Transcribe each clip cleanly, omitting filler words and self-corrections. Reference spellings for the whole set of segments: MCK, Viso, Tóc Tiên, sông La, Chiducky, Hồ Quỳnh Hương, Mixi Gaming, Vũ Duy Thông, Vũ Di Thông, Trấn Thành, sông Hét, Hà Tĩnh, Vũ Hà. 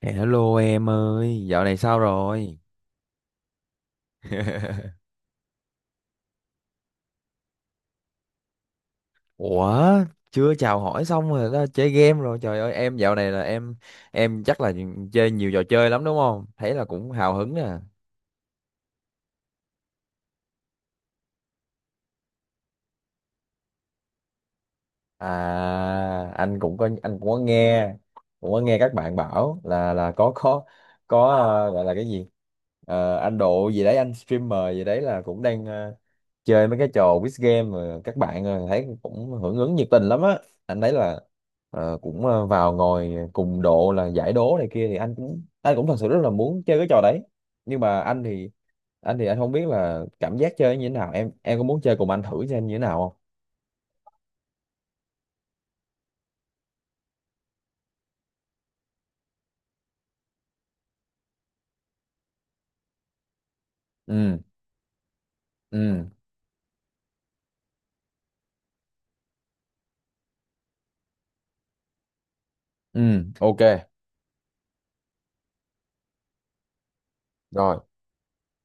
Hello em ơi, dạo này sao rồi? Ủa, chưa chào hỏi xong rồi đó, chơi game rồi. Trời ơi, em dạo này là em chắc là chơi nhiều trò chơi lắm đúng không? Thấy là cũng hào hứng nè. À, anh cũng có nghe, cũng có nghe các bạn bảo là có có gọi là cái gì. Ờ, anh độ gì đấy, anh streamer gì đấy là cũng đang chơi mấy cái trò quiz game mà các bạn thấy cũng hưởng ứng nhiệt tình lắm á. Anh thấy là cũng vào ngồi cùng độ là giải đố này kia thì anh cũng thật sự rất là muốn chơi cái trò đấy, nhưng mà anh thì anh không biết là cảm giác chơi như thế nào. Em có muốn chơi cùng anh thử xem như thế nào không? Ừ, ừ, ừ, ok. Rồi,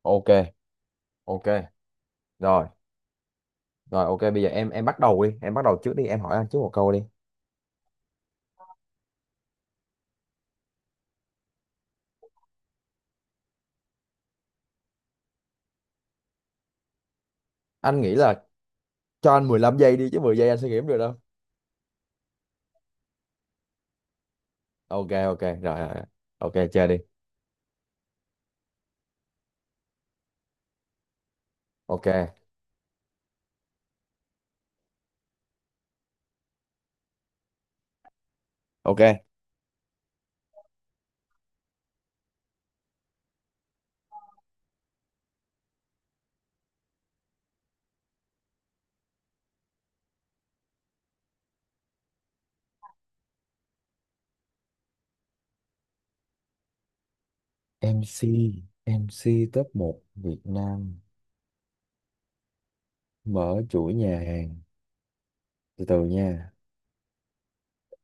ok. Ok, rồi rồi ok, bây giờ em bắt đầu đi, em bắt đầu trước đi, em hỏi anh trước một câu đi. Anh nghĩ là cho anh 15 giây đi, chứ 10 giây anh sẽ nghiệm được đâu. Ok, ok rồi rồi rồi. Ok, chơi đi. Ok, ok, MC. MC top một Việt Nam mở chuỗi nhà hàng, từ từ nha.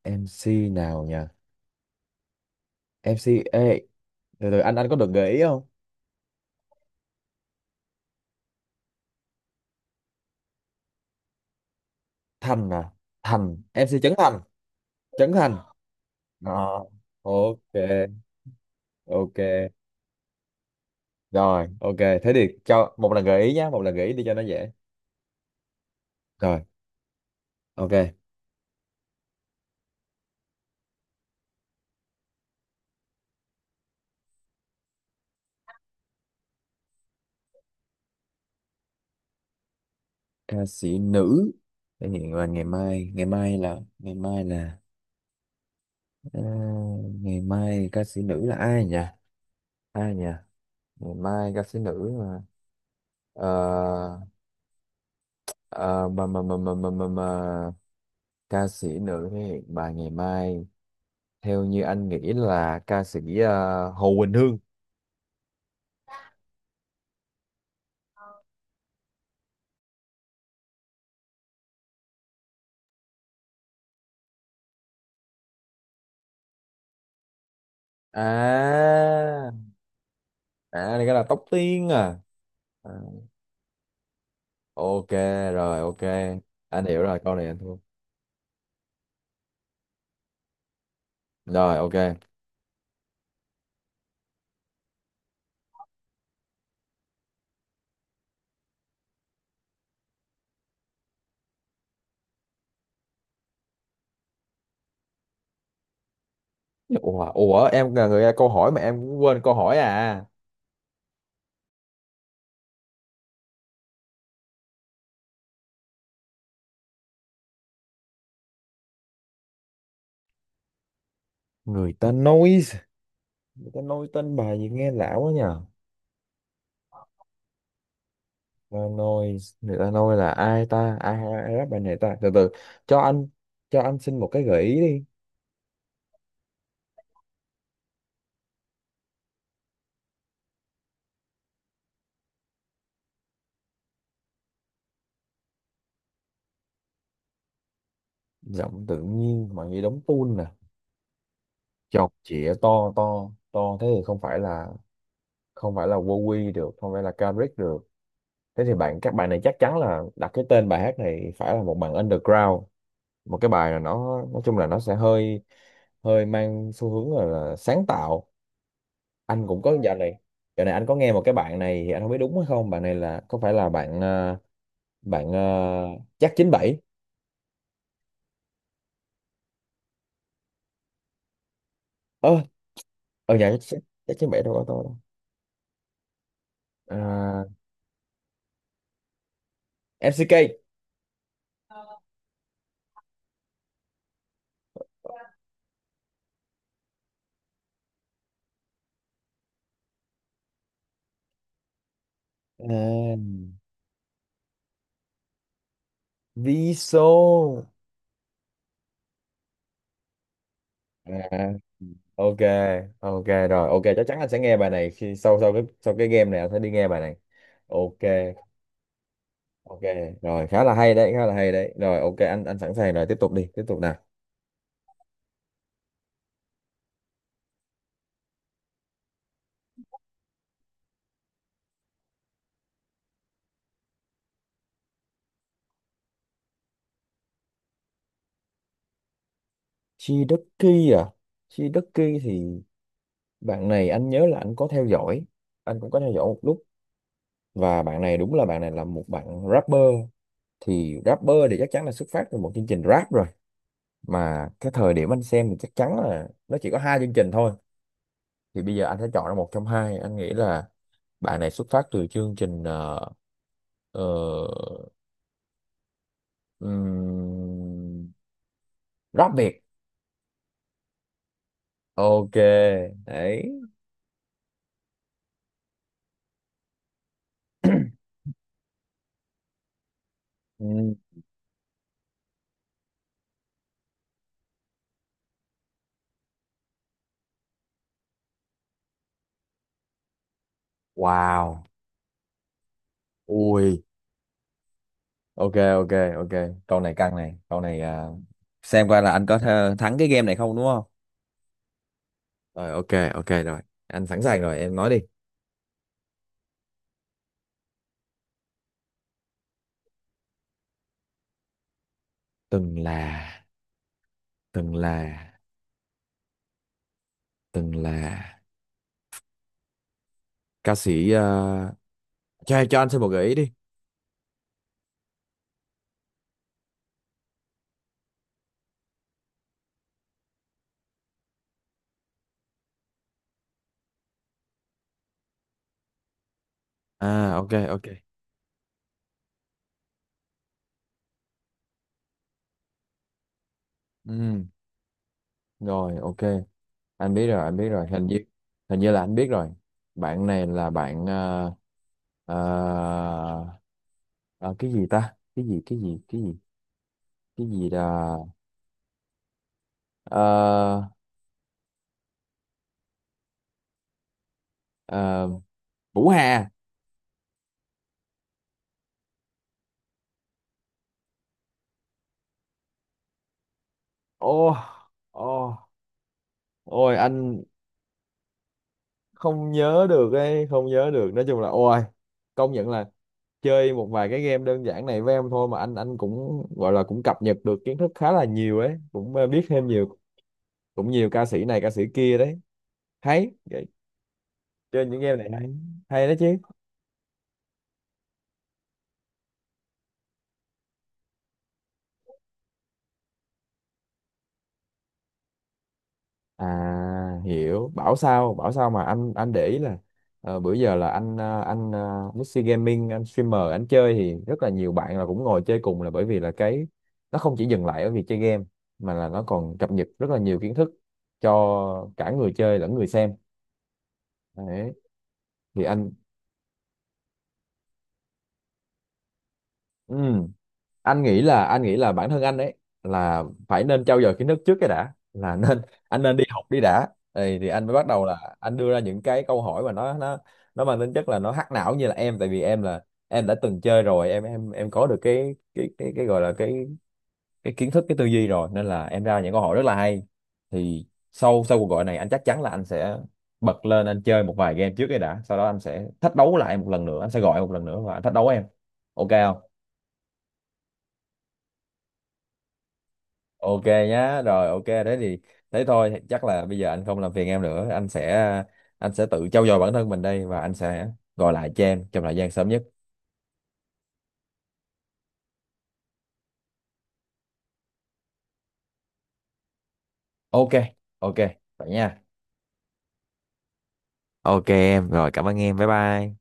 MC nào nhỉ? MC ê, từ từ anh có được gợi ý không? Thành à? Thành MC Trấn Thành. Trấn Thành. Ờ, ok. Ok rồi, ok, thế thì cho một lần gợi ý nhá, một lần gợi ý đi cho nó dễ. Rồi, ok. Ca sĩ nữ thể hiện là ngày mai. Ngày mai là ngày mai là ờ, ngày mai ca sĩ nữ là ai nhỉ? Ai nhỉ? Ngày mai ca sĩ nữ mà ờ ờ, mà ca sĩ nữ thì bà ngày mai, theo như anh nghĩ là ca sĩ Hồ Quỳnh Hương. À, à, này cái là Tóc Tiên à? À, ok, rồi ok, anh hiểu rồi, câu này anh thua. Rồi ok. Ủa, ủa em là người câu hỏi mà em cũng quên câu hỏi à? Người ta nói. Người ta nói tên bài gì nghe lạ quá nhỉ? Lanoi người ta nói là ai ta? Ai, ai, ai rap bài này ta? Từ từ cho anh, cho anh xin một cái gợi ý đi. Giọng tự nhiên mà nghe đóng tuôn nè, chọc chĩa to to. Thế thì không phải là, không phải là Wowy được, không phải là Kendrick được. Thế thì các bạn này chắc chắn là đặt cái tên bài hát này phải là một bạn underground, một cái bài là, nó nói chung là nó sẽ hơi, hơi mang xu hướng là sáng tạo. Anh cũng có dạo này, dạo này anh có nghe một cái bạn này, thì anh không biết đúng hay không, bạn này là có phải là bạn bạn chắc chín bảy. Ơ, ở nhà chắc, chắc chín bảy đâu có tôi đâu. À, MCK. À, Viso. À, ok. Ok rồi, ok, chắc chắn anh sẽ nghe bài này khi sau, sau cái, sau cái game này anh sẽ đi nghe bài này. Ok. Ok rồi, khá là hay đấy, khá là hay đấy. Rồi ok, anh sẵn sàng rồi, tiếp tục đi, tiếp tục nào. Chiducky à? Chiducky thì bạn này anh nhớ là anh có theo dõi, anh cũng có theo dõi một lúc. Và bạn này đúng là, bạn này là một bạn rapper. Thì rapper thì chắc chắn là xuất phát từ một chương trình rap rồi. Mà cái thời điểm anh xem thì chắc chắn là nó chỉ có hai chương trình thôi. Thì bây giờ anh sẽ chọn ra một trong hai, anh nghĩ là bạn này xuất phát từ chương trình ờ, ừm, rap Việt. Ok đấy. Ừm, wow, ui, ok, ok, ok. Câu này căng này, câu này à, xem coi là anh có thắng cái game này không, đúng không? Rồi ok, ok rồi, anh sẵn sàng rồi, em nói đi. Từng là từng là từng là ca sĩ cho anh xin một gợi ý đi. À ok, ok, ừ, rồi ok, anh biết rồi, anh biết rồi, hình như, hình như là anh biết rồi. Bạn này là bạn ờ, ờ, cái gì ta, cái gì, cái gì, cái gì là ờ, ờ, Vũ Hà. Ô, ô, ôi anh không nhớ được ấy, không nhớ được, nói chung là ôi, công nhận là chơi một vài cái game đơn giản này với em thôi mà anh cũng gọi là cũng cập nhật được kiến thức khá là nhiều ấy, cũng biết thêm nhiều, cũng nhiều ca sĩ này ca sĩ kia đấy, hay vậy, chơi những game này hay, hay đó chứ. À, hiểu, bảo sao, bảo sao mà anh để ý là bữa giờ là anh anh Mixi Gaming, anh streamer, anh chơi thì rất là nhiều bạn là cũng ngồi chơi cùng, là bởi vì là cái nó không chỉ dừng lại ở việc chơi game, mà là nó còn cập nhật rất là nhiều kiến thức cho cả người chơi lẫn người xem đấy. Thì anh. Ừ. Anh nghĩ là bản thân anh ấy là phải nên trau dồi kiến thức trước cái đã, là nên anh nên đi học đi đã. Thì anh mới bắt đầu là anh đưa ra những cái câu hỏi mà nó nó mang tính chất là nó hack não như là em. Tại vì em là em đã từng chơi rồi, em có được cái cái gọi là cái kiến thức, cái tư duy rồi, nên là em ra những câu hỏi rất là hay. Thì sau, sau cuộc gọi này anh chắc chắn là anh sẽ bật lên anh chơi một vài game trước cái đã, sau đó anh sẽ thách đấu lại một lần nữa, anh sẽ gọi một lần nữa và anh thách đấu em, ok không? Ok nhá, rồi ok đấy, thì thế thôi, chắc là bây giờ anh không làm phiền em nữa, anh sẽ tự trau dồi bản thân mình đây, và anh sẽ gọi lại cho em trong thời gian sớm nhất. Ok, ok, vậy nha. Ok em, rồi cảm ơn em, bye bye.